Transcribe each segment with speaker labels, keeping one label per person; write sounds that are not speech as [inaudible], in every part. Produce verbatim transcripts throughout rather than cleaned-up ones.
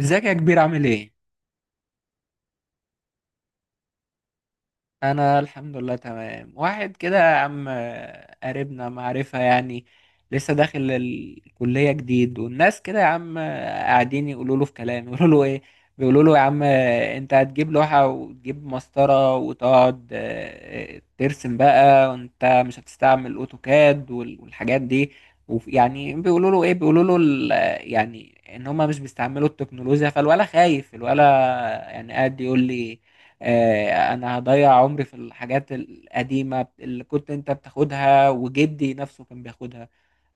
Speaker 1: ازيك يا كبير؟ عامل ايه؟ انا الحمد لله تمام. واحد كده يا عم، آه، قريبنا، معرفة يعني. لسه داخل الكلية جديد، والناس كده يا عم، آه، قاعدين يقولوا له في كلام. يقولوا له ايه؟ بيقولوا له يا عم، آه، انت هتجيب لوحة وتجيب مسطرة وتقعد آه، آه، ترسم بقى، وانت مش هتستعمل اوتوكاد وال- والحاجات دي. وف- يعني بيقولوا له ايه؟ بيقولوا له ال- آه، يعني ان هما مش بيستعملوا التكنولوجيا، فالولا خايف. الولا يعني قاعد يقول لي آه، انا هضيع عمري في الحاجات القديمة اللي كنت انت بتاخدها، وجدي نفسه كان بياخدها.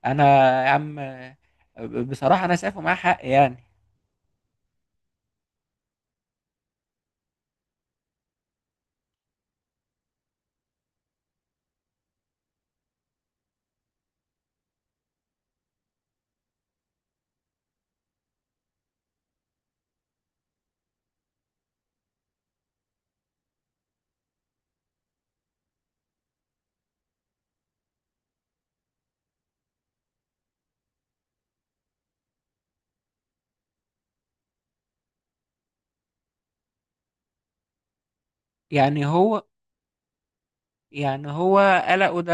Speaker 1: انا يا عم، آه، بصراحة انا شايفه معاه حق يعني. يعني هو يعني هو قلقه ده،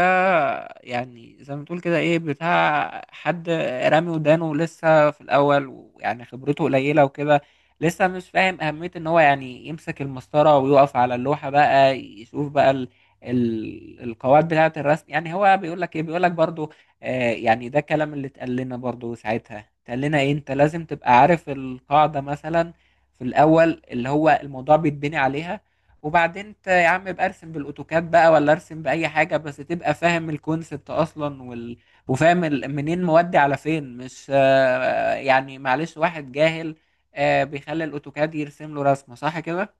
Speaker 1: يعني زي ما تقول كده ايه بتاع حد رامي ودانه، لسه في الاول ويعني خبرته قليله وكده. لسه مش فاهم اهميه ان هو يعني يمسك المسطره ويقف على اللوحه بقى، يشوف بقى ال ال القواعد بتاعه الرسم. يعني هو بيقول لك ايه؟ بيقول لك برضو آه، يعني ده الكلام اللي اتقال لنا برضو ساعتها. اتقال لنا ايه؟ انت لازم تبقى عارف القاعده مثلا في الاول، اللي هو الموضوع بيتبني عليها. وبعدين انت يا عم ابقى ارسم بالاوتوكاد بقى، ولا ارسم باي حاجه، بس تبقى فاهم الكونسبت اصلا. وال... وفاهم ال... منين مودي على فين. مش آه، يعني معلش، واحد جاهل آه، بيخلي الاوتوكاد يرسم له رسمه صح كده.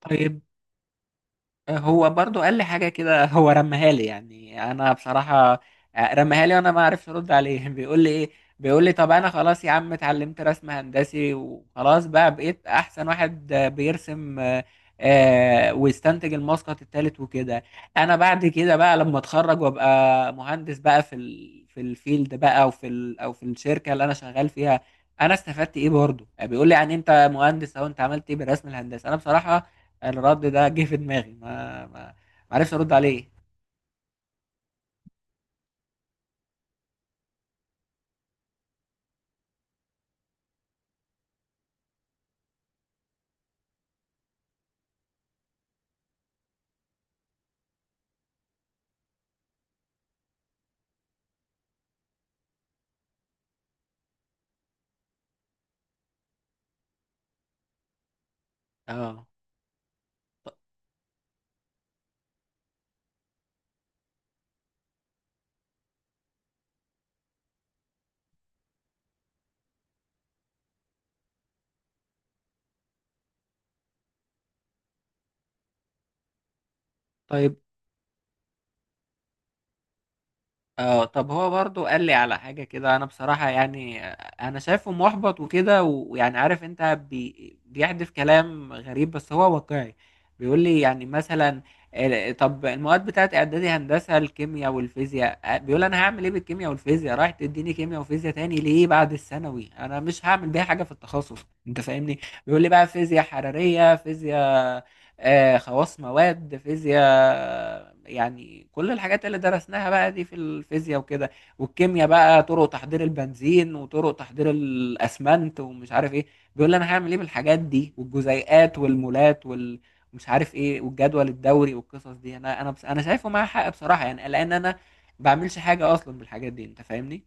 Speaker 1: طيب، هو برضو قال لي حاجة كده، هو رمها لي. يعني أنا بصراحة رمها لي وأنا ما عرفش أرد عليه. [laughs] بيقول لي إيه؟ بيقول لي طب أنا خلاص يا عم اتعلمت رسم هندسي وخلاص، بقى بقيت أحسن واحد بيرسم آه، آه، ويستنتج المسقط التالت وكده. أنا بعد كده بقى لما أتخرج وأبقى مهندس بقى في ال... في الفيلد بقى، أو في ال... أو في الشركة اللي أنا شغال فيها، أنا استفدت إيه برضو؟ يعني بيقول لي يعني أنت مهندس أهو، أنت عملت إيه بالرسم الهندسي؟ أنا بصراحة الرد ده جه في دماغي، ما ما ما عرفش ارد عليه. اه. طيب، اه طب هو برضو قال لي على حاجة كده. انا بصراحة يعني انا شايفه محبط وكده، و- ويعني عارف انت، بي بيحدف كلام غريب بس هو واقعي. بيقول لي يعني مثلا ال- طب المواد بتاعت اعدادي هندسة، الكيمياء والفيزياء، آه، بيقول انا هعمل ايه بالكيمياء والفيزياء؟ رايح تديني كيمياء وفيزياء تاني ليه بعد الثانوي؟ انا مش هعمل بيها حاجة في التخصص، انت فاهمني. بيقول لي بقى فيزياء حرارية، فيزياء آه، خواص مواد، فيزياء يعني كل الحاجات اللي درسناها بقى دي في الفيزياء وكده. والكيمياء بقى طرق تحضير البنزين، وطرق تحضير الاسمنت، ومش عارف ايه. بيقول لي انا هعمل ايه بالحاجات دي، والجزيئات والمولات وال، مش عارف ايه، والجدول الدوري والقصص دي. انا انا بس انا شايفه معاه حق بصراحة يعني، لان انا بعملش حاجة اصلا بالحاجات دي، انت فاهمني.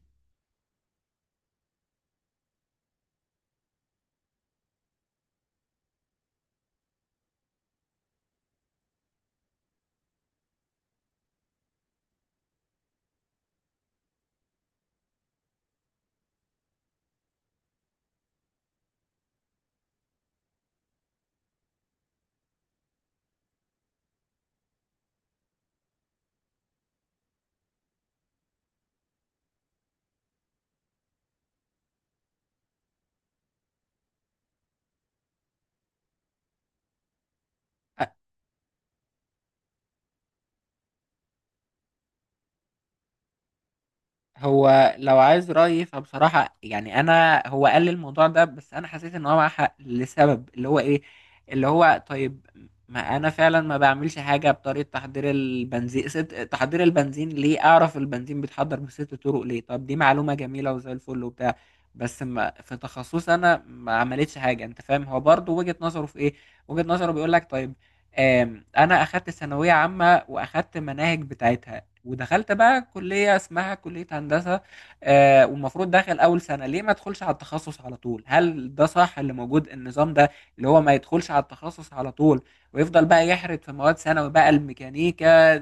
Speaker 1: هو لو عايز رأيي فبصراحة يعني أنا، هو قال لي الموضوع ده بس أنا حسيت إن هو معاه حق لسبب اللي هو إيه؟ اللي هو طيب، ما أنا فعلا ما بعملش حاجة بطريقة تحضير البنزين. ست تحضير البنزين ليه أعرف البنزين بيتحضر بست طرق ليه؟ طب دي معلومة جميلة وزي الفل وبتاع، بس ما في تخصصي أنا ما عملتش حاجة. أنت فاهم هو برضه وجهة نظره في إيه؟ وجهة نظره بيقول لك طيب، آم، أنا أخدت ثانوية عامة وأخدت مناهج بتاعتها، ودخلت بقى كلية اسمها كلية هندسة آه، والمفروض داخل أول سنة. ليه ما ادخلش على التخصص على طول؟ هل ده صح اللي موجود، النظام ده اللي هو ما يدخلش على التخصص على طول، ويفضل بقى يحرد في مواد ثانوي بقى الميكانيكا آه،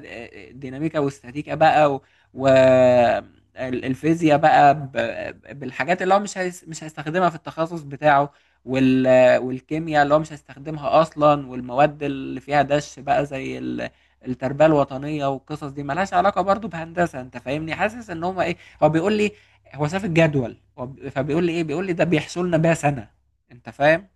Speaker 1: الديناميكا والاستاتيكا بقى و... و... ال- الفيزياء بقى ب... بالحاجات اللي هو مش هيس... مش هيستخدمها في التخصص بتاعه، وال... والكيمياء اللي هو مش هيستخدمها أصلا، والمواد اللي فيها دش بقى زي ال... التربيه الوطنيه والقصص دي ملهاش علاقه برضو بهندسه. انت فاهمني، حاسس ان هم ايه. هو بيقول لي، هو شاف الجدول، هو ب- فبيقول لي ايه؟ بيقول لي ده بيحصل لنا بقى سنه، انت فاهم.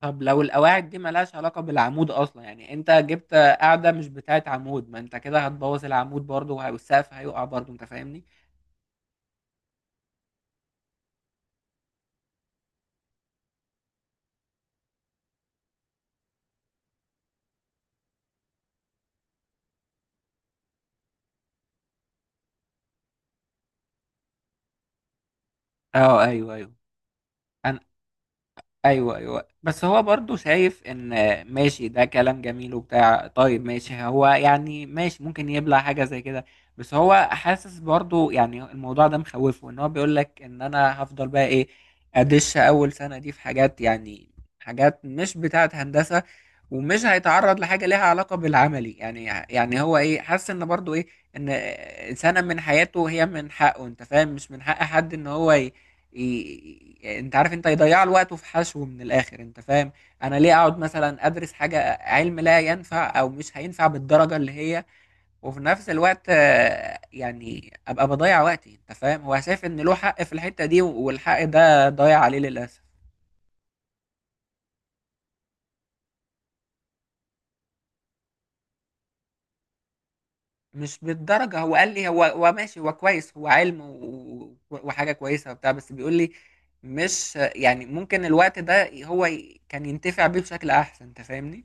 Speaker 1: طب لو القواعد دي ملهاش علاقه بالعمود اصلا، يعني انت جبت قاعده مش بتاعت عمود، ما انت كده هتبوظ العمود برضو، وه- والسقف هيقع برضو، انت فاهمني. اه ايوه ايوه. أنا- ايوه ايوه، بس هو برضو شايف ان ماشي، ده كلام جميل وبتاع. طيب ماشي، هو يعني ماشي، ممكن يبلع حاجه زي كده، بس هو حاسس برضو يعني الموضوع ده مخوفه. ان هو بيقول لك ان انا هفضل بقى ايه، ادش اول سنه دي في حاجات يعني حاجات مش بتاعه هندسه، ومش هيتعرض لحاجه ليها علاقه بالعملي. يعني يعني هو ايه، حاسس ان برضو ايه، ان سنه من حياته هي من حقه، انت فاهم، مش من حق حد ان هو ي- ي- انت عارف، انت يضيع له وقته في حشو من الاخر، انت فاهم. انا ليه اقعد مثلا ادرس حاجه علم لا ينفع، او مش هينفع بالدرجه اللي هي، وفي نفس الوقت آه، يعني ابقى بضيع وقتي؟ انت فاهم هو شايف ان له حق في الحته دي، والحق ده ضايع عليه للاسف. مش بالدرجه، هو قال لي هو، هو ماشي هو كويس هو علم و- و- وحاجه كويسه وبتاع، بس بيقول لي مش يعني ممكن الوقت ده هو ي- كان ينتفع بيه بشكل احسن، انت فاهمني.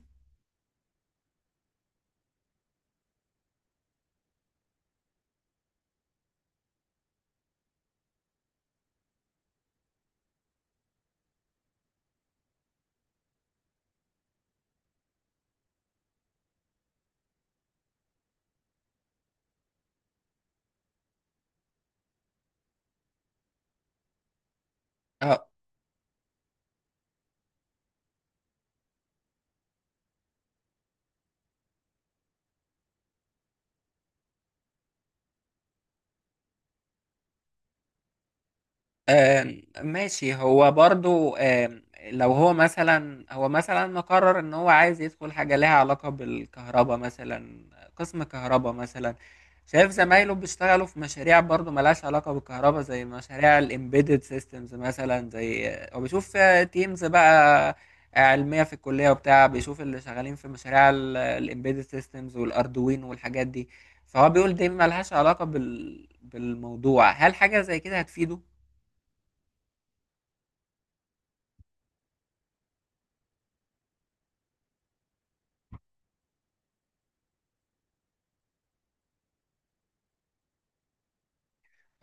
Speaker 1: اه. آم، ماشي، هو برضو آم، لو هو مثلا، هو مثلا مقرر ان هو عايز يدخل حاجة لها علاقة بالكهرباء مثلا، قسم كهرباء مثلا. شايف زمايله بيشتغلوا في مشاريع برضو ملهاش علاقة بالكهرباء، زي مشاريع الامبيدد سيستمز مثلا. زي هو بيشوف تيمز بقى علمية في الكلية وبتاع، بيشوف اللي شغالين في مشاريع الامبيدد سيستمز والاردوين والحاجات دي. فهو بيقول دي ملهاش علاقة بال... بالموضوع. هل حاجة زي كده هتفيده؟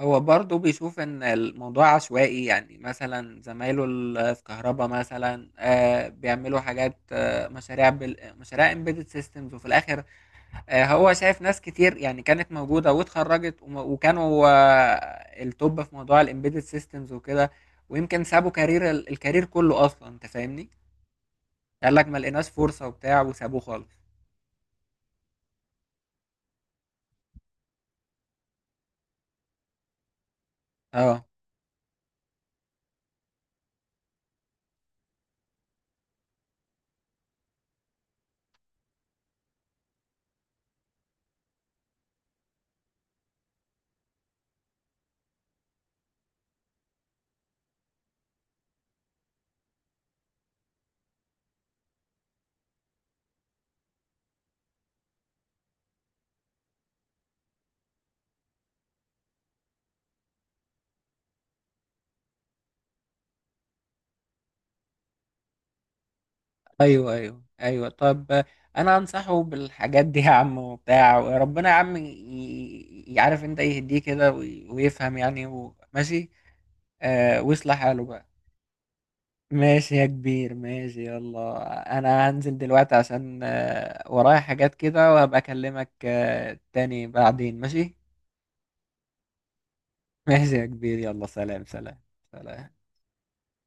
Speaker 1: هو برضه بيشوف ان الموضوع عشوائي. يعني مثلا زمايله ال- في كهربا مثلا آه، بيعملوا حاجات آه، مشاريع بال... مشاريع امبيدد سيستمز. وفي الاخر آه، هو شايف ناس كتير يعني كانت موجودة واتخرجت، وم- وكانوا آه، التوب في موضوع الامبيدد سيستمز وكده، ويمكن سابوا كارير ال- الكارير كله اصلا، انت فاهمني. قال لك ما لقيناش فرصة وبتاع وسابوه خالص. اه ايوه ايوه ايوه. طب انا انصحه بالحاجات دي يا عم وبتاع، وربنا يا عم ي- ي- يعرف انت يهديه كده، وي- ويفهم يعني و- ماشي، آه، ويصلح حاله بقى. ماشي يا كبير، ماشي، يلا انا هنزل دلوقتي عشان آه ورايا حاجات كده، وهبقى اكلمك آه تاني بعدين، ماشي. ماشي يا كبير، يلا، سلام سلام. سلام.